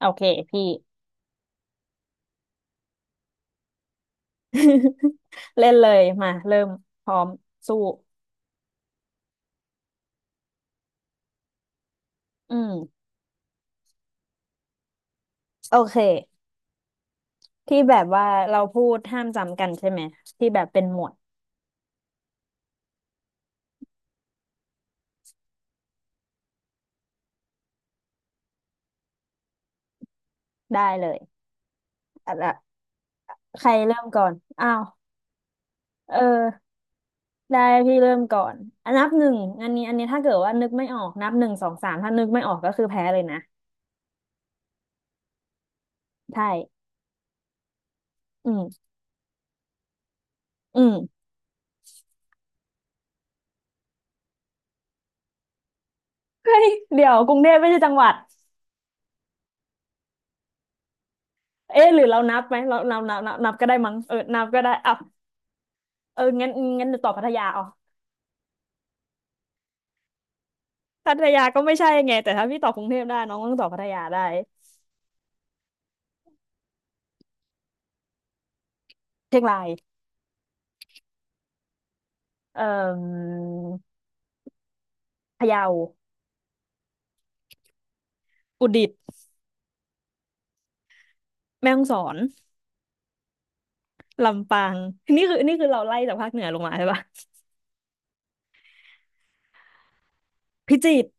โอเคพี่ เล่นเลยมาเริ่มพร้อมสู้อืมโอเคที่แบบว่าเราพูดห้ามจำกันใช่ไหมที่แบบเป็นหมวดได้เลยอ่ะละใครเริ่มก่อนอ้าวเออได้พี่เริ่มก่อนอันนับหนึ่งอันนี้ถ้าเกิดว่านึกไม่ออกนับหนึ่งสองสามถ้านึกไม่ออกก็คือแพ้เลยนะใช่อืมอืมเฮ้ยเดี๋ยวกรุงเทพไม่ใช่จังหวัดเอ๊ะหรือเรานับไหมเรานับก็ได้มั้งเออนับก็ได้อ่ะเอองั้นเดี๋ยวตอบพัทยาเอา พัทยาก็ไม่ใช่ไงแต่ถ้าพี่ตอบกรุงเทพได้น้องต้องตอบพัทยาได้เชียงรายเอ่อพะเยาอุตรดิตถ์แม่ฮ่องสอนลำปางนี่คือเราไล่จากภาคเหนือลงมาใช่ปะ พิจิตร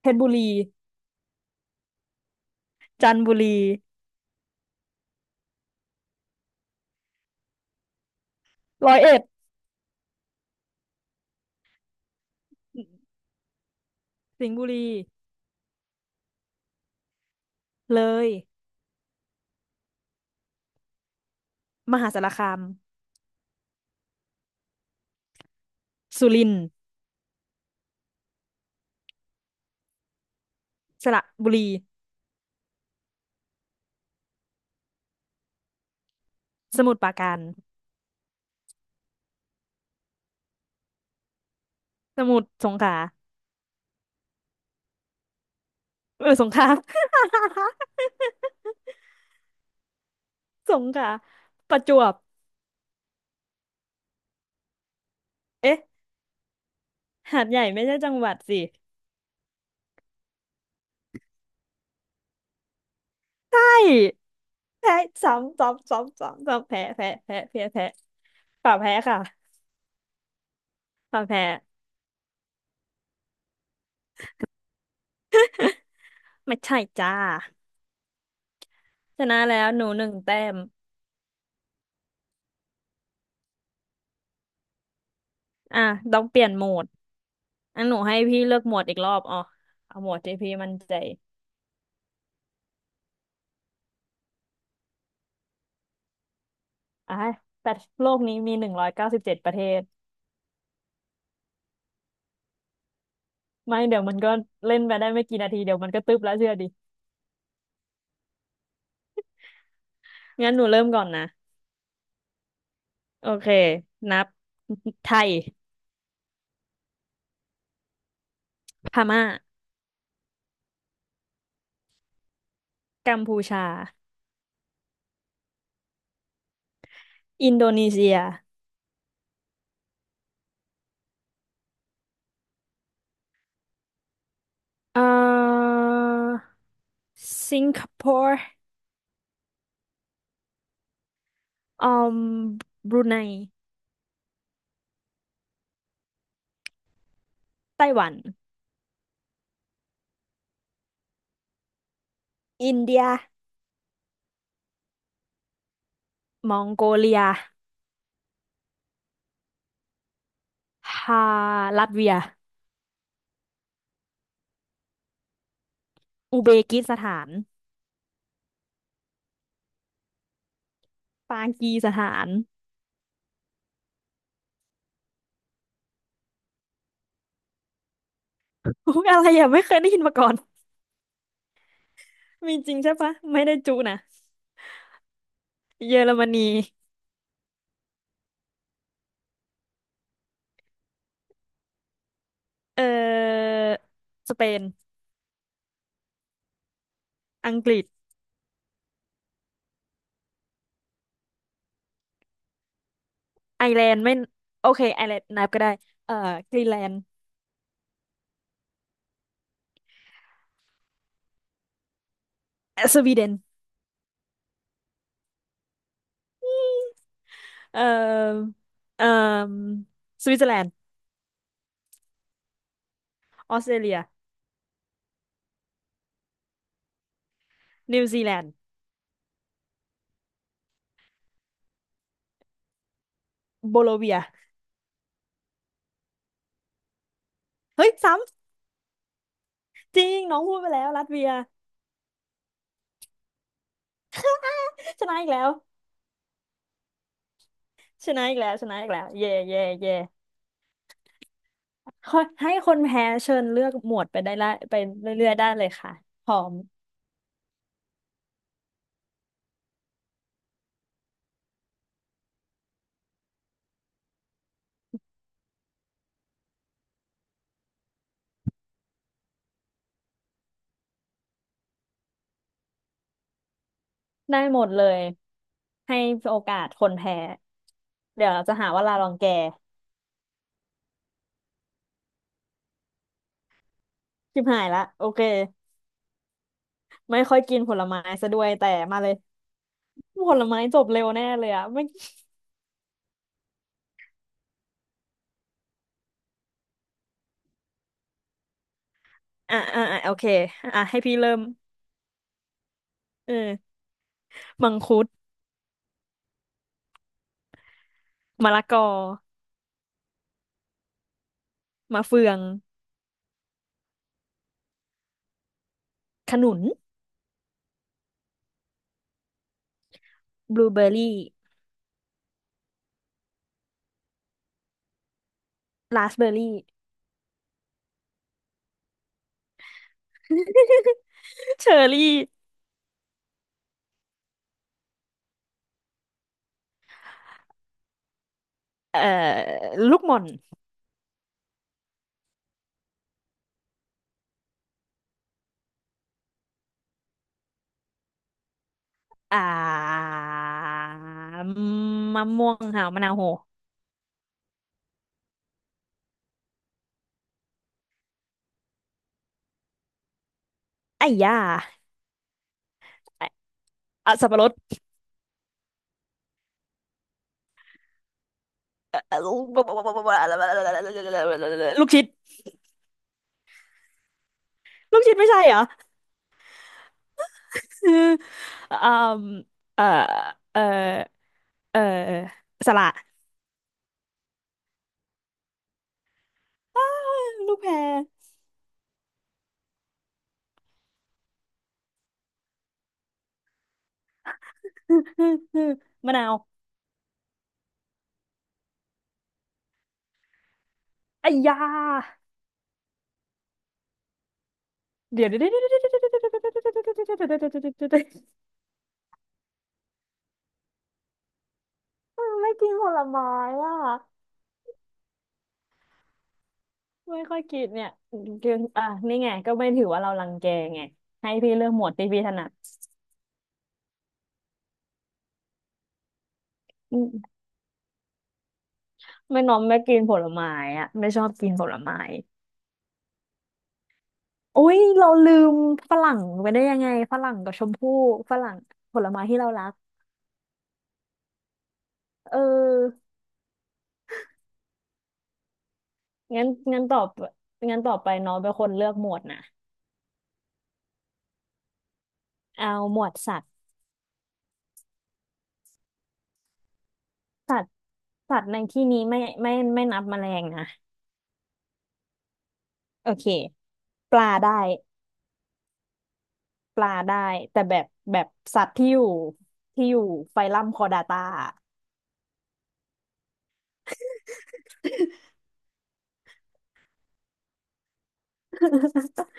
เพชรบุรีจันทบุรีร้อยเอ็ดสิงห์บุรีเลยมหาสารคามสุรินทร์สระบุรีสมุทรปราการสมุทรสงขลาเออสงขลา สงขลาประจวบเอ๊ะหาดใหญ่ไม่ใช่จังหวัดสิใช่ แพ้ซ้ำซ้ำซ้ำซ้ำซ้ำแพ้แพ้แพ้แพ้แพ้ฝ่าแพ้ค่ะฝ่าแพ้ไม่ใช่จ้าชนะแล้วหนูหนึ่งแต้มอ่ะต้องเปลี่ยนโหมดอันหนูให้พี่เลือกโหมดอีกรอบอ๋อเอาโหมดที่พี่มั่นใจอ่ะแต่โลกนี้มี197ประเทศ ไม่เดี๋ยวมันก็เล่นไปได้ไม่กี่นาทีเดี๋ยวมันก็ตึ๊บแล้วเชื่อดิงั้นหนูเริ่มก่อนนะโอเคนับ ไทยพม่ากัมพูชาอินโดนีเซียเอ่อ สิงคโปร์อืมบรูไนไต้หวัน อินเดียมองโกเลียฮาลัตเวียอุเบกิสถานปากีสถานอุ๊ยอะไรอ่ะไม่เคยได้ยินมาก่อน มีจริงใช่ปะ ไม่ได้จุนะเยอรมนีเอ่อสเปนอังกฤษไอร์แลนด์ไม่โอเคไอร์แลนด์นับก็ได้เอ่อกรีนแลนด์สวีเดนเอ่อเอ่อสวิตเซอร์แลนด์ออสเตรเลียนิวซีแลนด์โบโลเวีย เฮ้ยซ้ำจริงน้องพูดไปแล้วลัตเวียชนะอีกแล้วชนะอีกแล้วชนะอีกแล้วเย่เย่เย่ขอให้คนแพ้เชิญเลือกหมวดไปได้ละไปเรื่อยๆได้เลยค่ะพร้อมได้หมดเลยให้โอกาสคนแพ้เดี๋ยวเราจะหาว่าลาลองแกชิบหายละโอเคไม่ค่อยกินผลไม้ซะด้วยแต่มาเลยผลไม้จบเร็วแน่เลยอะไม่อ่ะอ่ะอ่ะโอเคอ่ะให้พี่เริ่มเออมังคุดมะละกอมะเฟืองขนุนบลูเบอร์รี่ ราสเบอร์รี่ เชอร์รี่เอ่อลูกหม่อนอ่ามะม่วงค่ะมะนาวโหไอ้ย่าอ่ะสับปะรดลูกชิดลูกชิดไม่ใช่เหรอคือ อืมเอ่อเอ่อเอ่อสละอ้าลูกแพร มะนาวไอ้ยาเดี๋ยวเดี๋ยวเดี๋ยว เออไม่กินผลไม้อ่ะไม่ค่อยกินเนี่ยกินอ่ะนี่ไงก็ไม่ถือว่าเรารังแกไงให้พี่เลือกหมวดที่พี่ถนัดอืมไม่น้อมไม่กินผลไม้อ่ะไม่ชอบกินผลไม้อุ้ยเราลืมฝรั่งไปได้ยังไงฝรั่งกับชมพู่ฝรั่งผลไม้ที่เรารักเอองั้นงั้นตอบงั้นต่อไปน้องเป็นคนเลือกหมวดนะเอาหมวดสัตว์สัตว์ในที่นี้ไม่ไม่ไม่นับแมลงนะโอเคปลาได้ ปลาได้แต่แบบสัตว์ที่อยู่ไฟลัมคอร์ดาตา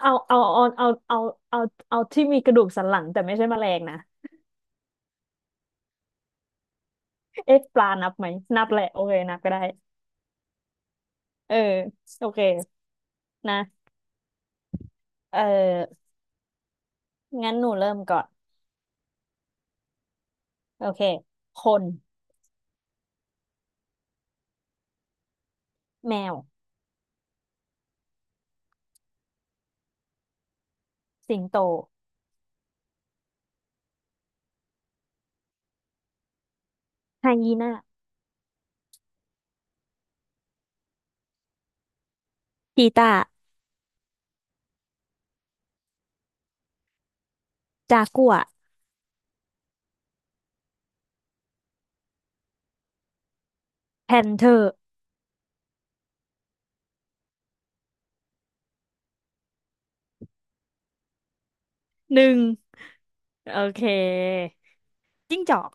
เอาเอาเอาเอาเอาเอาเอาที่มีกระดูกสันหลังแต่ไม่ใช่แมลงนะเอ๊ะปลานับไหมนับแหละโอเคนับก็ได้เออโอเคนะเอองั้นหนูเริ่มก่อนโอเคคนแมวสิงโตไฮยีน่าชีตาจากัวร์แพนเธอร์หนึ่งโอเคจิ้งจอก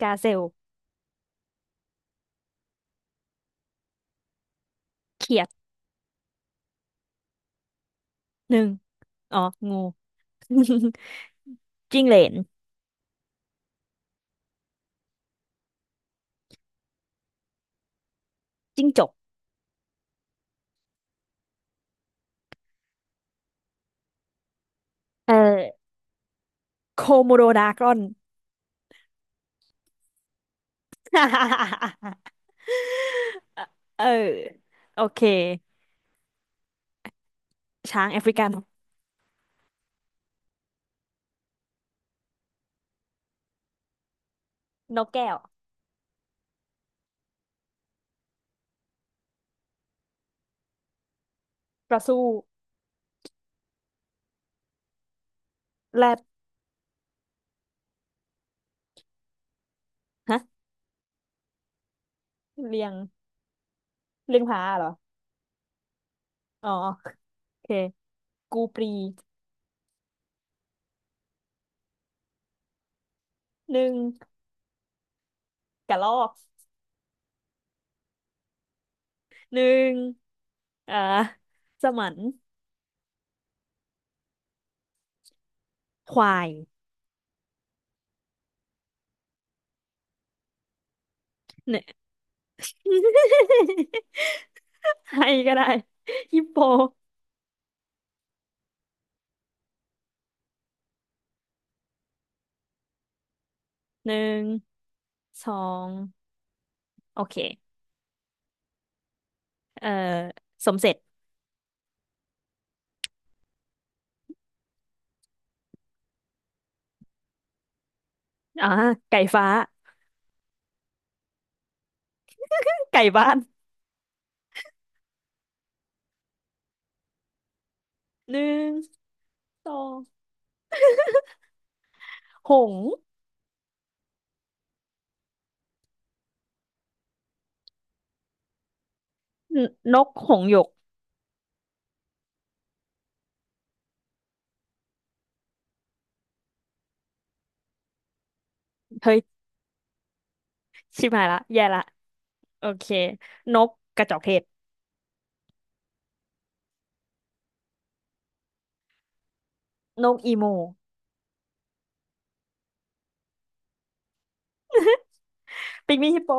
กาเซลเขียด หนึ่ง อ๋อ งู จิ้งเหลนจิ้งจก เออโคโมโดดากรอน เออ โอเค ช้างแอฟริกันนกแก้วกระสู้แรดฮะเรียงเรียงผาเหรอ อ๋อ โอเค กูปรี หนึ่งกระรอก หนึ่งเอ่อสมันควายเนี่ย ให้ก็ได้ฮิปโป หนึ่ง สอง โอเค เอ่อสมเสร็จอ่าไก่ฟ้า ไก่บ้านหนึ่งสองหงส์นนกหงส์หยก เฮ้ย ชิบหายละแย่ละโอเค นกกระจอกเทศ นกอีโม ปิงมี่ฮิปโป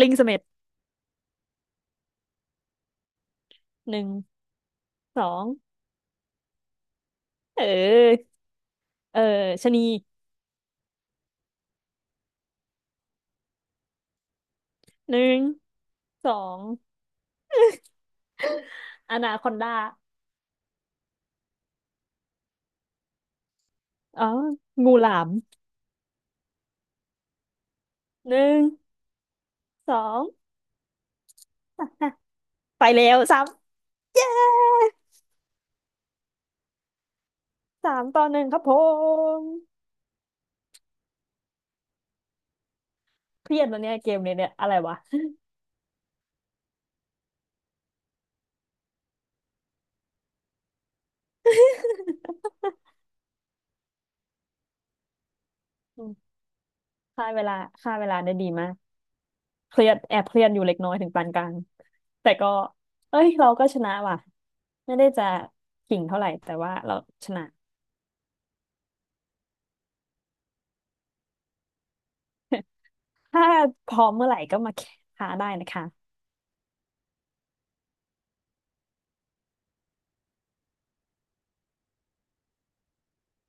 ลิงเสม็ดหนึ่งสองเออ เออชะนีหนึ่งสองอนาคอนดาอ๋อ งูหลามหนึ่งสองอ่ะไปแล้วสามเย้3-1ครับผมเครียดวันเนี้ยเกมเนี้ยเนี่ยอะไรวะ ค่าเวลาค่าเวลาได้ดีมากเครียดแอบเครียดอยู่เล็กน้อยถึงปานกลางแต่ก็เอ้ยเราก็ชนะว่ะไม่ได้จะขิงเท่าไหร่แต่ว่าเราชนะถ้าพร้อมเมื่อไหร่ก็มาท้าได้นะคะ